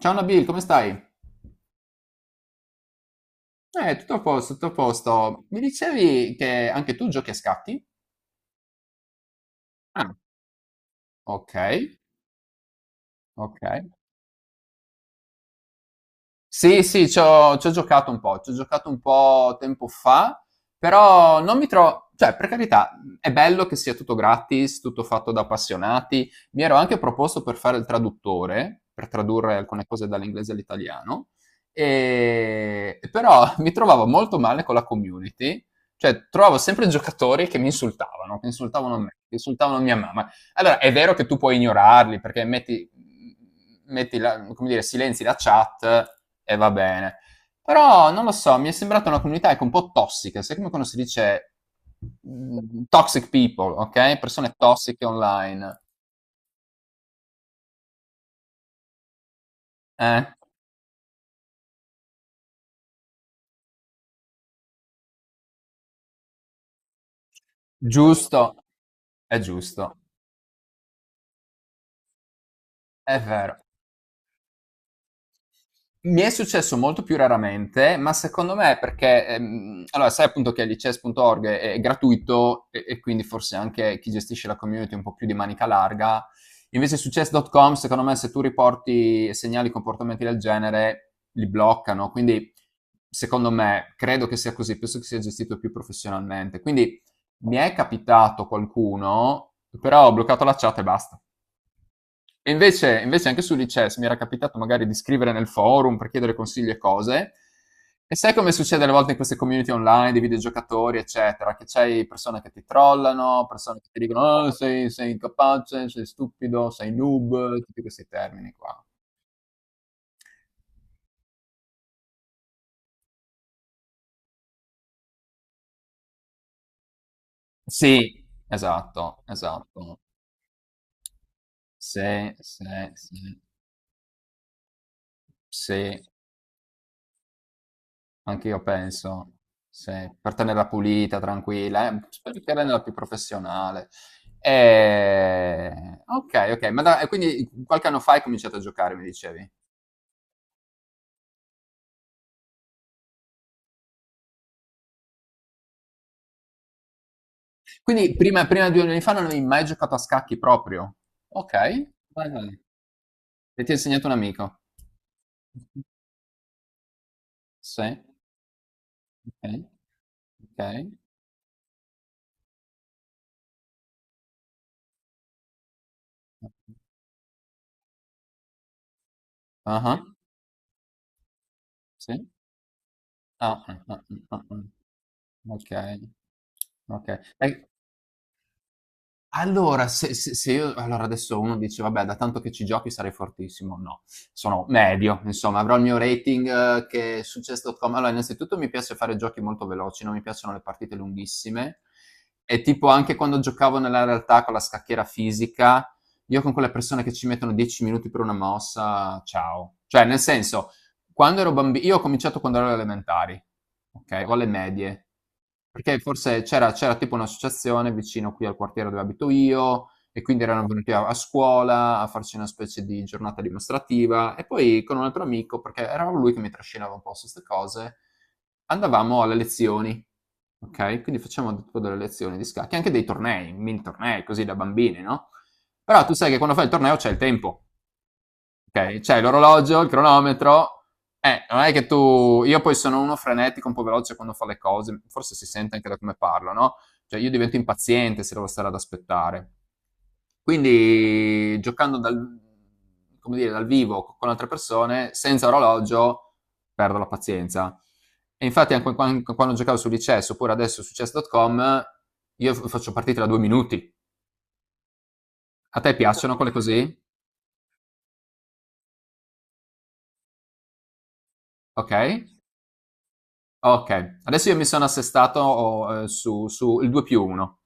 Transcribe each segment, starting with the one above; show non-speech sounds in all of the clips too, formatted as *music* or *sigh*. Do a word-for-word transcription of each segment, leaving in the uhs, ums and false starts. Ciao Nabil, come stai? Eh, tutto a posto, tutto a posto. Mi dicevi che anche tu giochi a scatti? Ah, ok, ok. Sì, sì, c'ho c'ho giocato un po', c'ho giocato un po' tempo fa, però non mi trovo, cioè, per carità, mhmm, è bello che sia tutto gratis, tutto fatto da appassionati. Mi ero anche proposto per fare il traduttore, per tradurre alcune cose dall'inglese all'italiano, ehm, però *laughs* mi trovavo molto male con la community, cioè trovavo sempre giocatori che mi insultavano, che insultavano me, che insultavano mia mamma. Allora, è vero che tu puoi ignorarli perché metti, metti la, come dire, silenzi la chat e va bene. Però non lo so, mi è sembrata una comunità, ecco, un po' tossica, sai come quando si dice mh, toxic people, ok? Persone tossiche online. Eh? Giusto, è giusto, è vero. Mi è successo molto più raramente, ma secondo me è perché, ehm, allora sai, appunto, che lichess punto org è, è gratuito e, e quindi forse anche chi gestisce la community è un po' più di manica larga. Invece su chess punto com, secondo me, se tu riporti segnali, comportamenti del genere, li bloccano. Quindi, secondo me, credo che sia così, penso che sia gestito più professionalmente. Quindi mi è capitato qualcuno, però ho bloccato la chat e basta. E invece, invece anche su Lichess mi era capitato, magari, di scrivere nel forum per chiedere consigli e cose. E sai come succede alle volte in queste community online di videogiocatori eccetera, che c'hai persone che ti trollano, persone che ti dicono, "Oh, sei, sei incapace, sei stupido, sei noob", tutti questi termini qua. Sì, esatto, esatto. Sì, sì, sì, sì. Anche io penso, se- per tenerla pulita, tranquilla, eh, spero che renderla più professionale. E- Ok, ok, ma da- e quindi qualche anno fa hai cominciato a giocare, mi dicevi. Quindi prima, prima di due anni fa non avevi mai giocato a scacchi proprio? Ok, vai, vai. E ti ha insegnato un amico? Sì, ok, ok. Ah, sì. Ah, ah, ah, ah, ah. Ah. Ok, ok. E allora, se se se io allora adesso uno dice, "Vabbè, da tanto che ci giochi sarai fortissimo." No, sono medio, insomma, avrò il mio rating, eh, che chess punto com, allora, innanzitutto mi piace fare giochi molto veloci, non mi piacciono le partite lunghissime, e tipo anche quando giocavo nella realtà con la scacchiera fisica, io con quelle persone che ci mettono dieci minuti per una mossa, ciao. Cioè, nel senso, quando ero bambino, io ho cominciato quando ero alle elementari, ok, o alle medie, perché forse c'era, c'era tipo un'associazione vicino qui al quartiere dove abito io, e quindi erano venuti a, a scuola a farci una specie di giornata dimostrativa. E poi con un altro amico, perché era lui che mi trascinava un po' su queste cose, andavamo alle lezioni, ok? Quindi facevamo tipo delle lezioni di scacchi, anche dei tornei, mini tornei così da bambini, no? Però tu sai che quando fai il torneo c'è il tempo. Ok, c'è l'orologio, il cronometro. Eh, non è che tu... Io poi sono uno frenetico, un po' veloce quando fa le cose, forse si sente anche da come parlo, no? Cioè, io divento impaziente se devo stare ad aspettare. Quindi giocando dal, come dire, dal vivo con altre persone, senza orologio, perdo la pazienza. E infatti anche quan- anche quando giocavo su Lichess, oppure adesso su chess punto com, io f- faccio partite da due minuti. A te piacciono quelle così? Ok? Okay, adesso io mi sono assestato, o ehm, su su il due più uno.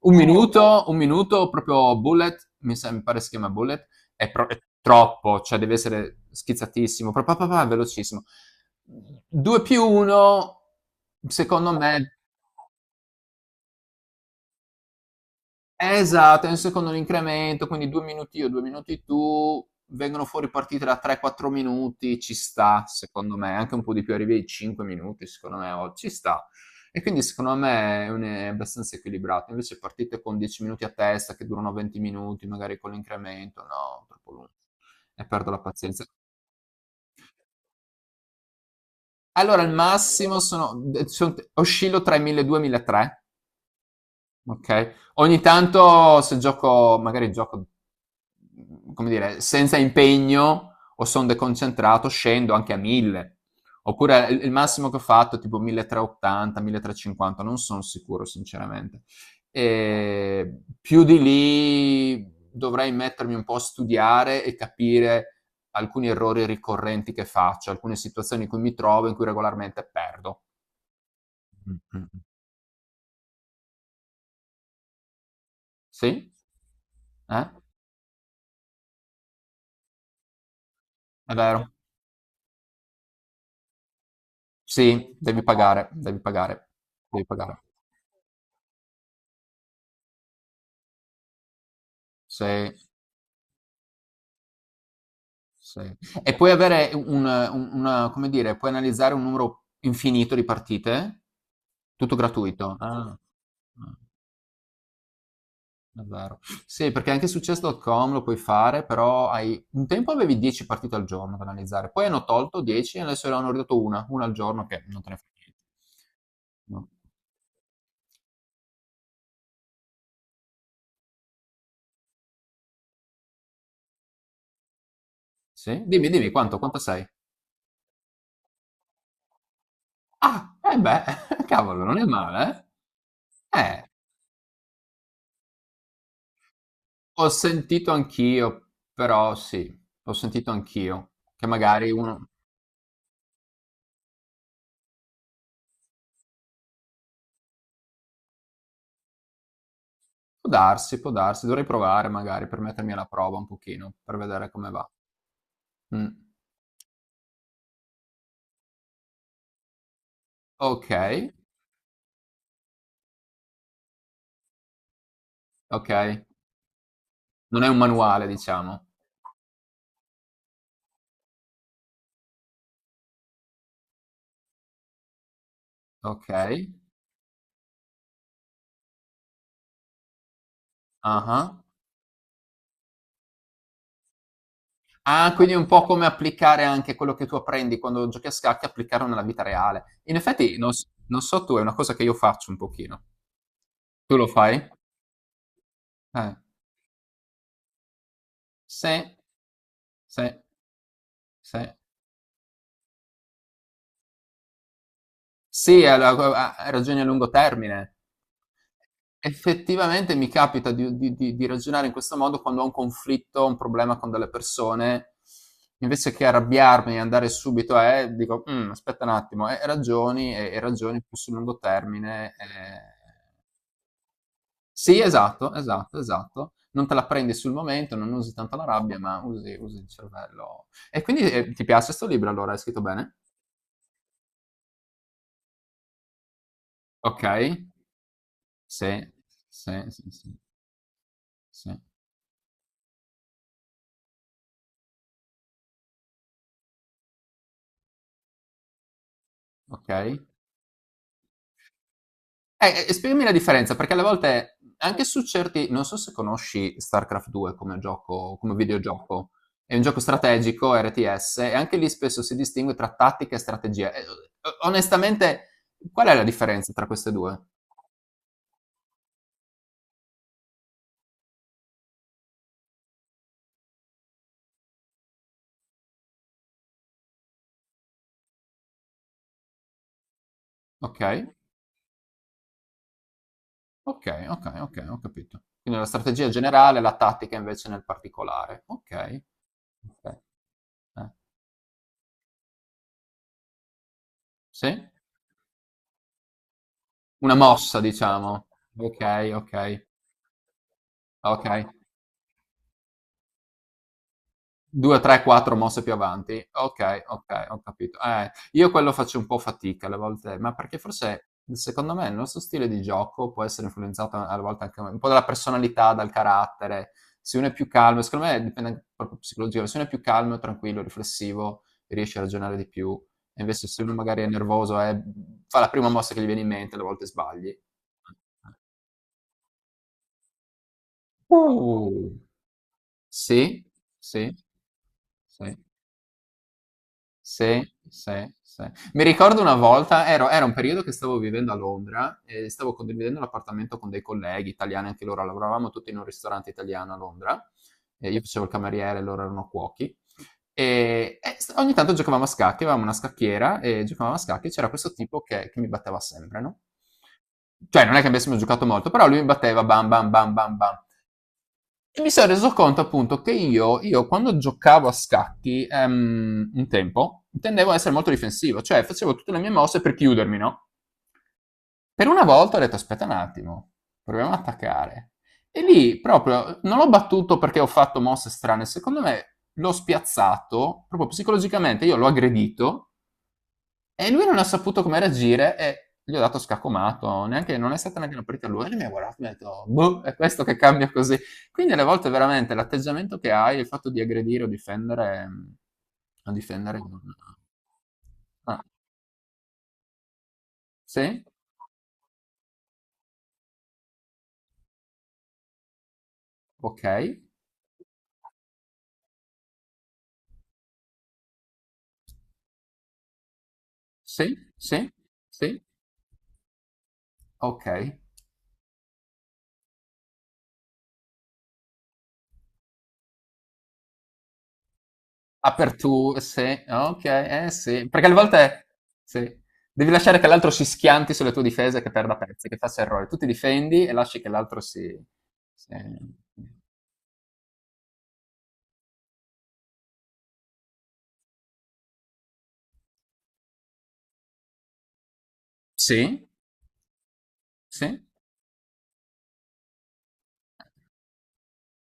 Un Eh, okay. Minuto, un minuto proprio bullet, mi sem mi pare si chiama bullet, è pro è troppo, cioè deve essere schizzatissimo, pa pa pa pa velocissimo. due più uno, secondo me. Esatto, nel secondo l'incremento, quindi due minuti io, due minuti tu, vengono fuori partite da tre quattro minuti, ci sta, secondo me, anche un po' di più, arrivi ai cinque minuti, secondo me, o- ci sta. E quindi secondo me è, un- è abbastanza equilibrato. Invece partite con dieci minuti a testa che durano venti minuti, magari con l'incremento, no, troppo lungo. E perdo la pazienza. Allora, il massimo sono, de- sono- oscillo tra i milleduecento e i milletrecento. Ok. Ogni tanto se gioco, magari gioco, come dire, senza impegno o sono deconcentrato, scendo anche a mille. Oppure il, il massimo che ho fatto è tipo milletrecentottanta, milletrecentocinquanta, non sono sicuro sinceramente. E più di lì dovrei mettermi un po' a studiare e capire alcuni errori ricorrenti che faccio, alcune situazioni in cui mi trovo, in cui regolarmente perdo. Mm, mm, mm. Sì? Eh? È vero. Sì, devi pagare, devi pagare, devi pagare. Sì, sì. E puoi avere, un, un- una- come dire, puoi analizzare un numero infinito di partite, tutto gratuito. Ah, ah, è vero. Sì, perché anche su chess punto com lo puoi fare, però hai, un tempo avevi dieci partite al giorno da analizzare, poi hanno tolto dieci e adesso ne hanno ridotto una, una al giorno che non te ne fa niente. No. Sì? Dimmi, dimmi, quanto, quanto sei? Ah, eh beh, *laughs* cavolo, non è male, eh? Eh, ho sentito anch'io, però sì, ho sentito anch'io, che magari uno... Può darsi, può darsi, dovrei provare magari per mettermi alla prova un pochino, per vedere come va. Mm. Ok, ok, non è un manuale, diciamo. Ok, ah ah. Ah, quindi è un po' come applicare anche quello che tu apprendi quando giochi a scacchi, applicarlo nella vita reale. In effetti, non, s- non so tu, è una cosa che io faccio un pochino. Tu lo fai? Eh. Sì, sì, sì. Sì, alla- a- a- ragioni a lungo termine. Effettivamente mi capita di, di- di- di ragionare in questo modo quando ho un conflitto, un problema con delle persone, invece che arrabbiarmi e andare subito a, eh, dico, "Mm, aspetta un attimo, e ragioni, e, e ragioni più sul lungo termine. Eh." Sì, esatto, esatto, esatto. Non te la prendi sul momento, non usi tanto la rabbia, ma usi, usi il cervello. E quindi, eh, ti piace questo libro allora? È scritto bene? Ok. Sì, sì, sì, sì, sì. Okay. Eh, e spiegami la differenza, perché alle volte anche su certi, non so se conosci StarCraft due come gioco, come videogioco. È un gioco strategico, R T S, e anche lì spesso si distingue tra tattica e strategia. E o onestamente, qual è la differenza tra queste due? Okay, okay, okay, okay, ho capito. Quindi la strategia generale, la tattica invece nel particolare. Okay. Okay. Eh. Sì? Una mossa, diciamo. Okay, okay, okay. due, tre, quattro mosse più avanti. Okay, okay, ho capito. Eh, io quello faccio un po' fatica alle volte, ma perché forse, secondo me, il nostro stile di gioco può essere influenzato alle volte anche un po' dalla personalità, dal carattere. Se uno è più calmo, secondo me dipende anche proprio psicologia, se uno è più calmo, tranquillo, riflessivo, riesce a ragionare di più. E invece se uno magari è nervoso, eh, fa la prima mossa che gli viene in mente, alle volte sbagli. Uh! Sì, sì, sì, sì, sì, sì. Mi ricordo una volta, ero- era un periodo che stavo vivendo a Londra e stavo condividendo l'appartamento con dei colleghi italiani, anche loro lavoravamo tutti in un ristorante italiano a Londra, e io facevo il cameriere, loro erano cuochi. E, e st- ogni tanto giocavamo a scacchi, avevamo una scacchiera e giocavamo a scacchi. C'era questo tipo che, che mi batteva sempre, no? Cioè, non è che avessimo giocato molto, però lui mi batteva bam bam bam bam bam. E mi sono reso conto appunto che io, io quando giocavo a scacchi, ehm, un tempo tendevo a essere molto difensivo, cioè facevo tutte le mie mosse per chiudermi, no? Per una volta ho detto, aspetta un attimo, proviamo ad attaccare. E lì proprio non l'ho battuto perché ho fatto mosse strane, secondo me l'ho spiazzato proprio psicologicamente, io l'ho aggredito e lui non ha saputo come reagire e gli ho dato scacomato, neanche, non è stata neanche una partita a lui, e lui mi ha guardato e mi ha detto, boh, è questo che cambia così. Quindi alle volte veramente l'atteggiamento che hai, il fatto di aggredire o difendere, o difendere... Ah, sì, ok, sì, sì, sì, ok. Apertura, sì, ok, eh sì, perché alle volte sì, devi lasciare che l'altro si schianti sulle tue difese e che perda pezzi, che faccia errori. Tu ti difendi e lasci che l'altro si... si- Sì, sì,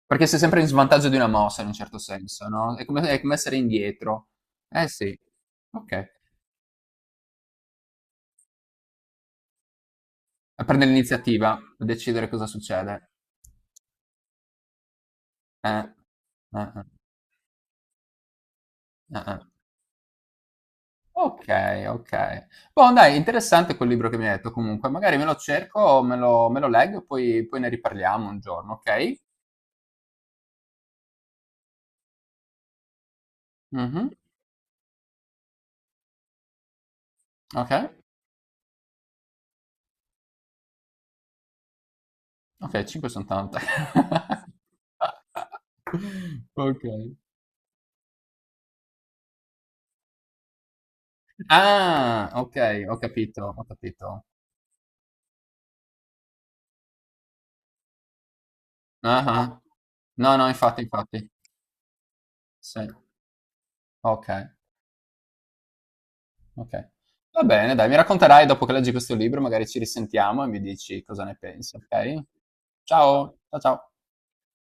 perché sei sempre in svantaggio di una mossa in un certo senso, no? È come, è come essere indietro. Eh sì, ok. A prendere l'iniziativa, a decidere cosa succede. Eh, eh, eh, eh, eh. Okay, okay. Boh, dai, interessante quel libro che mi hai detto comunque. Magari me lo cerco, me lo me lo leggo e poi poi ne riparliamo un giorno, okay? Mh-mh. Okay. Okay, cinque son tante. *laughs* Okay. Ah, okay, ho capito, ho capito. Ah-ah. No, no, infatti, infatti. Sì. Okay, okay. Va bene dai, mi racconterai dopo che leggi questo libro, magari ci risentiamo e mi dici cosa ne pensi, okay? Ciao, cia ciao.